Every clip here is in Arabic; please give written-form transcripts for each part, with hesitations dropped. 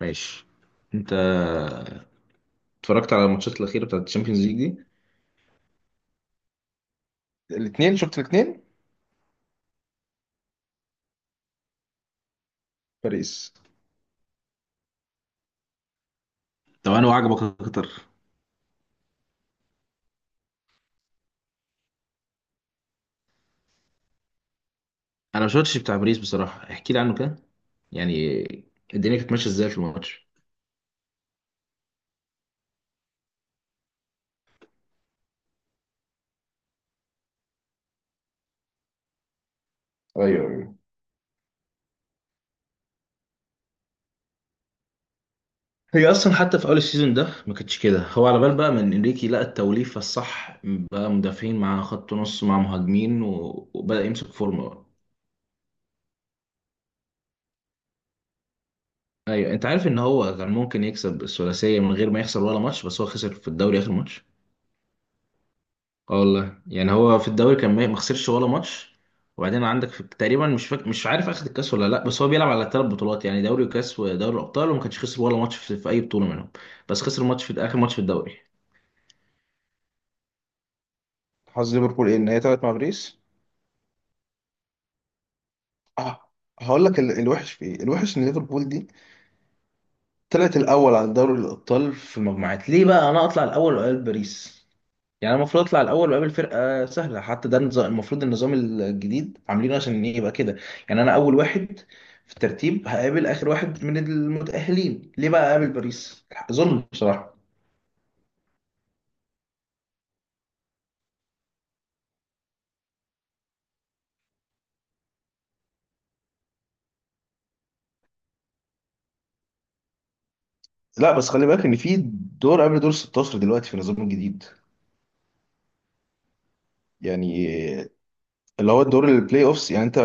ماشي. انت اتفرجت على الماتشات الاخيره بتاعت الشامبيونز ليج دي؟ الاثنين، شفت الاثنين. باريس. طب انا وعجبك اكتر؟ انا ما شفتش بتاع باريس بصراحه، احكي لي عنه كده. يعني الدنيا كانت ماشيه ازاي في الماتش؟ ايوه ايوه. هي اصلا حتى في اول السيزون ده ما كانتش كده، هو على بال بقى من انريكي لقى التوليفه الصح بقى مدافعين مع خط نص مع مهاجمين و- وبدا يمسك فورمه بقى. ايوه انت عارف ان هو كان ممكن يكسب الثلاثيه من غير ما يخسر ولا ماتش، بس هو خسر في الدوري اخر ماتش. اه والله، يعني هو في الدوري كان ما خسرش ولا ماتش. وبعدين عندك في تقريبا مش عارف اخد الكاس ولا لا، بس هو بيلعب على ثلاث بطولات يعني دوري وكاس ودوري الابطال، وما كانش خسر ولا ماتش في اي بطوله منهم. بس خسر ماتش في اخر ماتش في الدوري. حظ ليفربول ايه ان هي طلعت مع باريس؟ اه. هقول لك الوحش في ايه. الوحش ان ليفربول دي طلعت الاول على دوري الابطال في المجموعات، ليه بقى انا اطلع الاول وقال باريس؟ يعني أنا المفروض اطلع الاول واقابل فرقه سهله، حتى ده النظام المفروض، النظام الجديد عاملينه عشان يبقى كده. يعني انا اول واحد في الترتيب هقابل اخر واحد من المتاهلين، ليه بقى اقابل باريس؟ ظلم بصراحه. لا بس خلي بالك ان في دور قبل دور 16 دلوقتي في النظام الجديد. يعني اللي هو الدور البلاي اوفس، يعني انت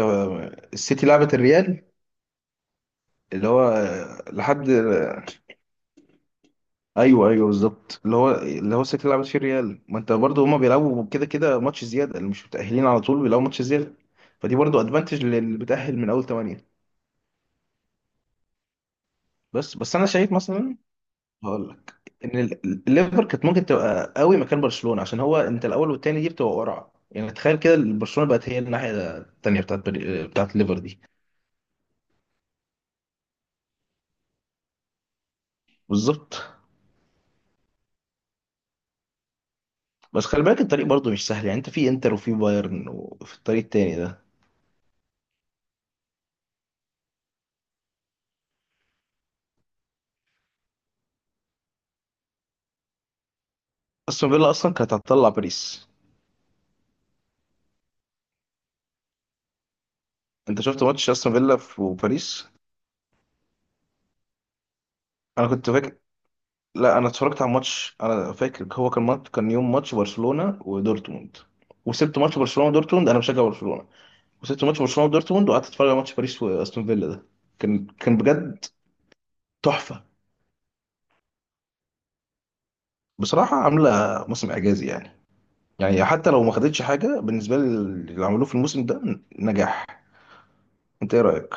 السيتي لعبت الريال، اللي هو لحد، ايوه ايوه بالظبط، اللي هو اللي هو السكه اللي لعبت فيه الريال. ما انت برضه هما بيلعبوا كده كده ماتش زياده، اللي مش متاهلين على طول بيلعبوا ماتش زياده. فدي برضه ادفانتج للي بتاهل من اول ثمانيه. بس انا شايف مثلا، هقول لك، ان الليفر كانت ممكن تبقى قوي مكان برشلونه، عشان هو انت الاول والتاني دي بتبقى قرعه. يعني تخيل كده برشلونه بقت هي الناحيه التانيه بتاعت بتاعت الليفر دي. بالظبط. بس خلي بالك الطريق برضه مش سهل، يعني انت في انتر وفي بايرن وفي الطريق التاني ده. استون فيلا اصلا كانت هتطلع باريس. انت شفت ماتش استون فيلا في- وباريس؟ انا كنت فاكر، لا انا اتفرجت على ماتش، انا فاكر هو كان ماتش، كان يوم ماتش برشلونة ودورتموند، وسبت ماتش برشلونة ودورتموند، انا بشجع برشلونة وسبت ماتش برشلونة ودورتموند وقعدت اتفرج على ماتش باريس واستون فيلا ده. كان بجد تحفة. بصراحة عاملة موسم اعجازي يعني. يعني حتى لو ما خدتش حاجة بالنسبة لي اللي عملوه في الموسم ده نجاح. انت ايه رأيك؟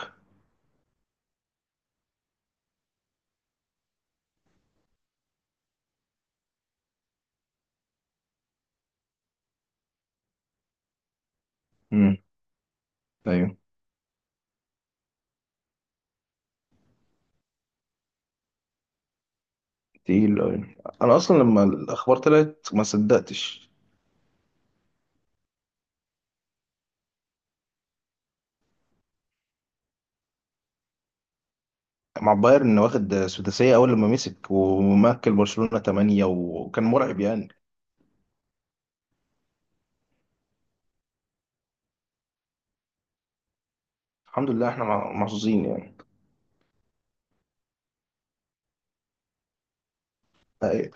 امم. ايوه. تقيل أوي. انا اصلا لما الاخبار طلعت ما صدقتش. مع بايرن واخد سداسية أول لما مسك، ومكل برشلونة تمانية، وكان مرعب يعني. الحمد لله احنا محظوظين يعني. أي-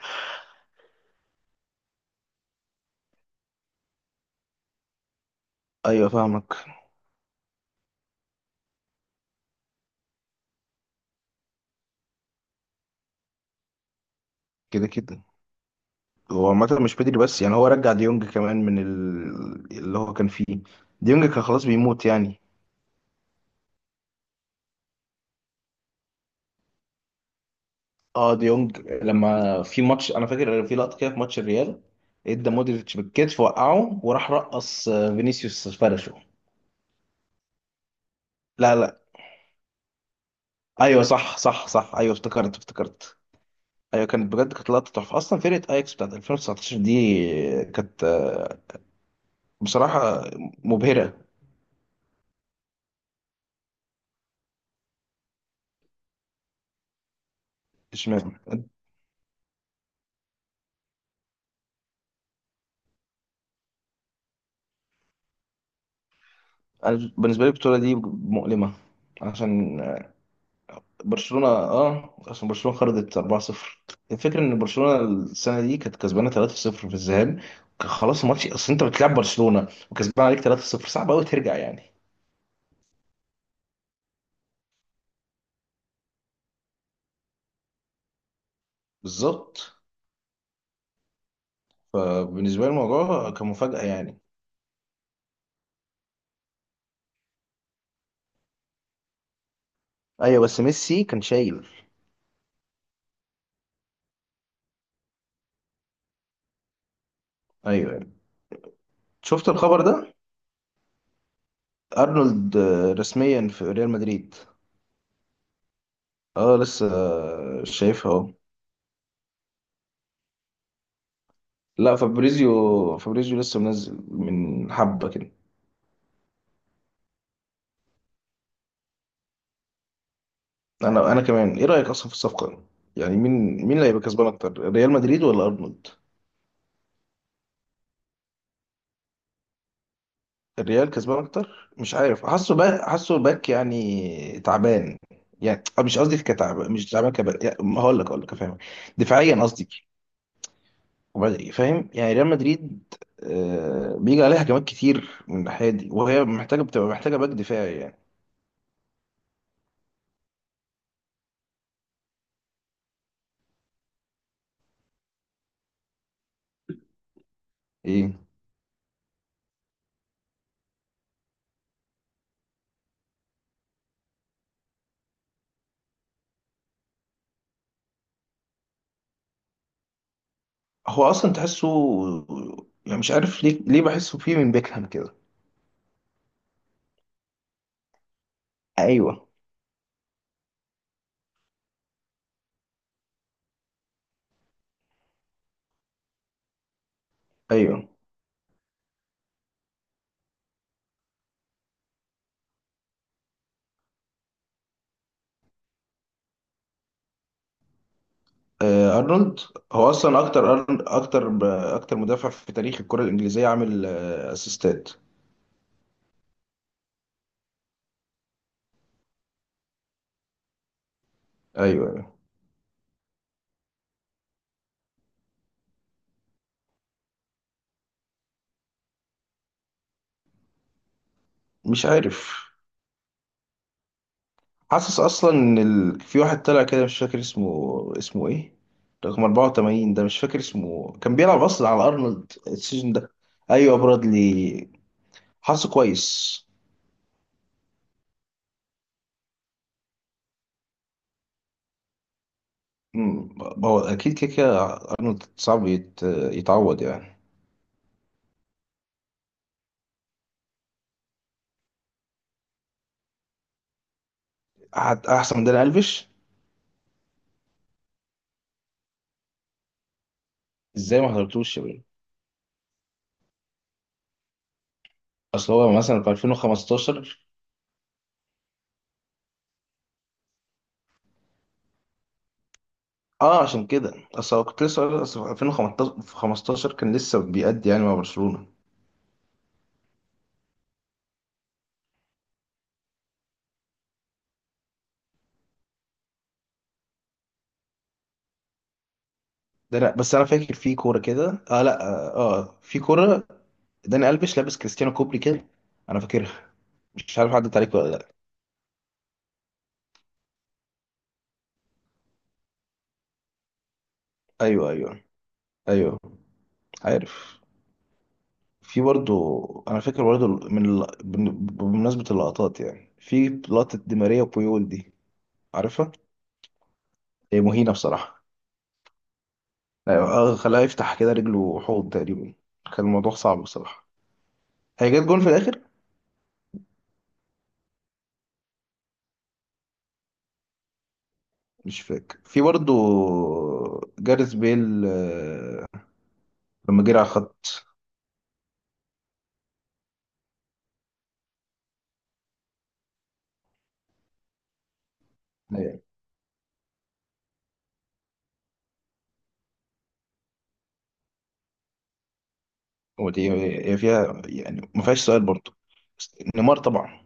أيوة فاهمك. كده كده هو عامة مش بدري، بس يعني هو رجع ديونج كمان من اللي هو كان فيه. ديونج كان خلاص بيموت يعني. اه ديونج، لما في ماتش أنا فاكر في لقطة كده، في ماتش الريال ادى مودريتش بالكتف وقعه، وراح رقص فينيسيوس فرشه. لا لا، ايوه صح صح صح، ايوه افتكرت افتكرت. ايوه كانت بجد كانت لقطه تحفه. اصلا فرقه اياكس بتاعت 2019 دي كانت بصراحه مبهره. اشمعنى؟ انا بالنسبه لي البطوله دي مؤلمه، عشان برشلونه، اه عشان برشلونه خرجت 4-0. الفكره ان برشلونه السنه دي كانت كسبانه 3-0 في الذهاب. كان خلاص الماتش، اصل انت بتلعب برشلونه وكسبان عليك 3-0 صعب قوي ترجع يعني. بالظبط. فبالنسبه لي الموضوع كان مفاجاه يعني. ايوه بس ميسي كان شايل. ايوه يعني. شفت الخبر ده؟ ارنولد رسميا في ريال مدريد. اه لسه، شايفها اهو. لا فابريزيو، فابريزيو لسه منزل من حبه كده. انا كمان، ايه رايك اصلا في الصفقه؟ يعني مين، مين اللي هيبقى كسبان اكتر ريال مدريد ولا ارنولد؟ الريال كسبان اكتر. مش عارف، حاسه باك، حاسه باك يعني تعبان. يعني مش قصدي كتعب، مش تعبان كبل، يعني هقول لك، هقول لك افهمك. دفاعيا قصدي. فاهم؟ يعني ريال مدريد بيجي عليها هجمات كتير من الناحيه دي، وهي محتاجه، بتبقى محتاجه باك دفاعي يعني. ايه؟ هو اصلا تحسه، يعني مش عارف ليه، ليه بحسه فيه من بيكهام كده. ايوه ايوه. ارنولد هو اصلا اكتر اكتر مدافع في تاريخ الكره الانجليزيه عامل اسيستات. ايوه. مش عارف، حاسس اصلا ان في واحد طلع كده مش فاكر اسمه. اسمه ايه؟ رقم 84 ده مش فاكر اسمه، كان بيلعب اصلا على ارنولد السيزون ده. ايوه برادلي. حاسه كويس. أمم، هو اكيد كده كده ارنولد صعب يتعوض يعني. احسن من داني الفيش؟ ازاي ما حضرتوش يا بني؟ اصل هو مثلا في 2015. اه عشان كده، اصل هو كنت لسه اصل في 2015 كان لسه بيأدي يعني مع برشلونة. ده انا، بس انا فاكر في كوره كده، اه لا اه، في كوره داني الفيش لابس كريستيانو كوبري كده، انا فاكرها، مش عارف عدت عليك ولا لا. ايوه ايوه ايوه، عارف. في برضو، انا فاكر برضو من بمناسبه اللقطات، يعني في لقطه دي ماريا وبويول دي، عارفها؟ هي مهينه بصراحه. أيوة، اه خلاها يفتح كده رجله حوض تقريبا. كان الموضوع صعب بصراحه. هي جت جون في الاخر. مش فاكر في برضو جاريث بيل لما جرى على الخط. ودي هي فيها يعني ما فيهاش سؤال برضه، بس نيمار طبعا.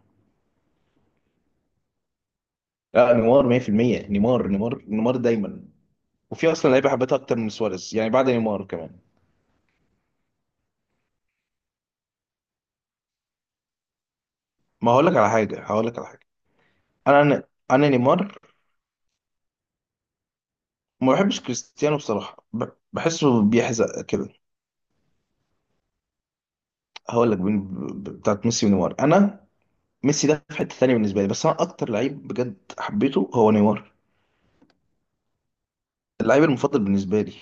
لا نيمار 100%. نيمار نيمار نيمار دايما. وفي اصلا لعيبه حبيتها اكتر من سواريز يعني بعد نيمار كمان. ما هقول لك على حاجه، هقول لك على حاجه. انا أنا نيمار. ما بحبش كريستيانو بصراحه، بحسه بيحزق كده. هقول لك بتاعت ميسي ونيمار انا. ميسي ده في حته ثانيه بالنسبه لي، بس انا اكتر لعيب بجد حبيته هو نيمار. اللعيب المفضل بالنسبه لي.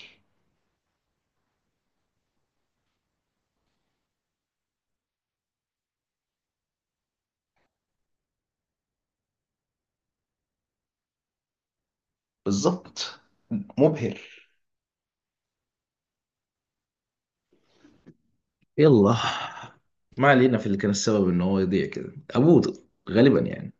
بالظبط. مبهر. يلا. ما علينا. في اللي كان السبب ان هو يضيع كده ابوه غالبا يعني.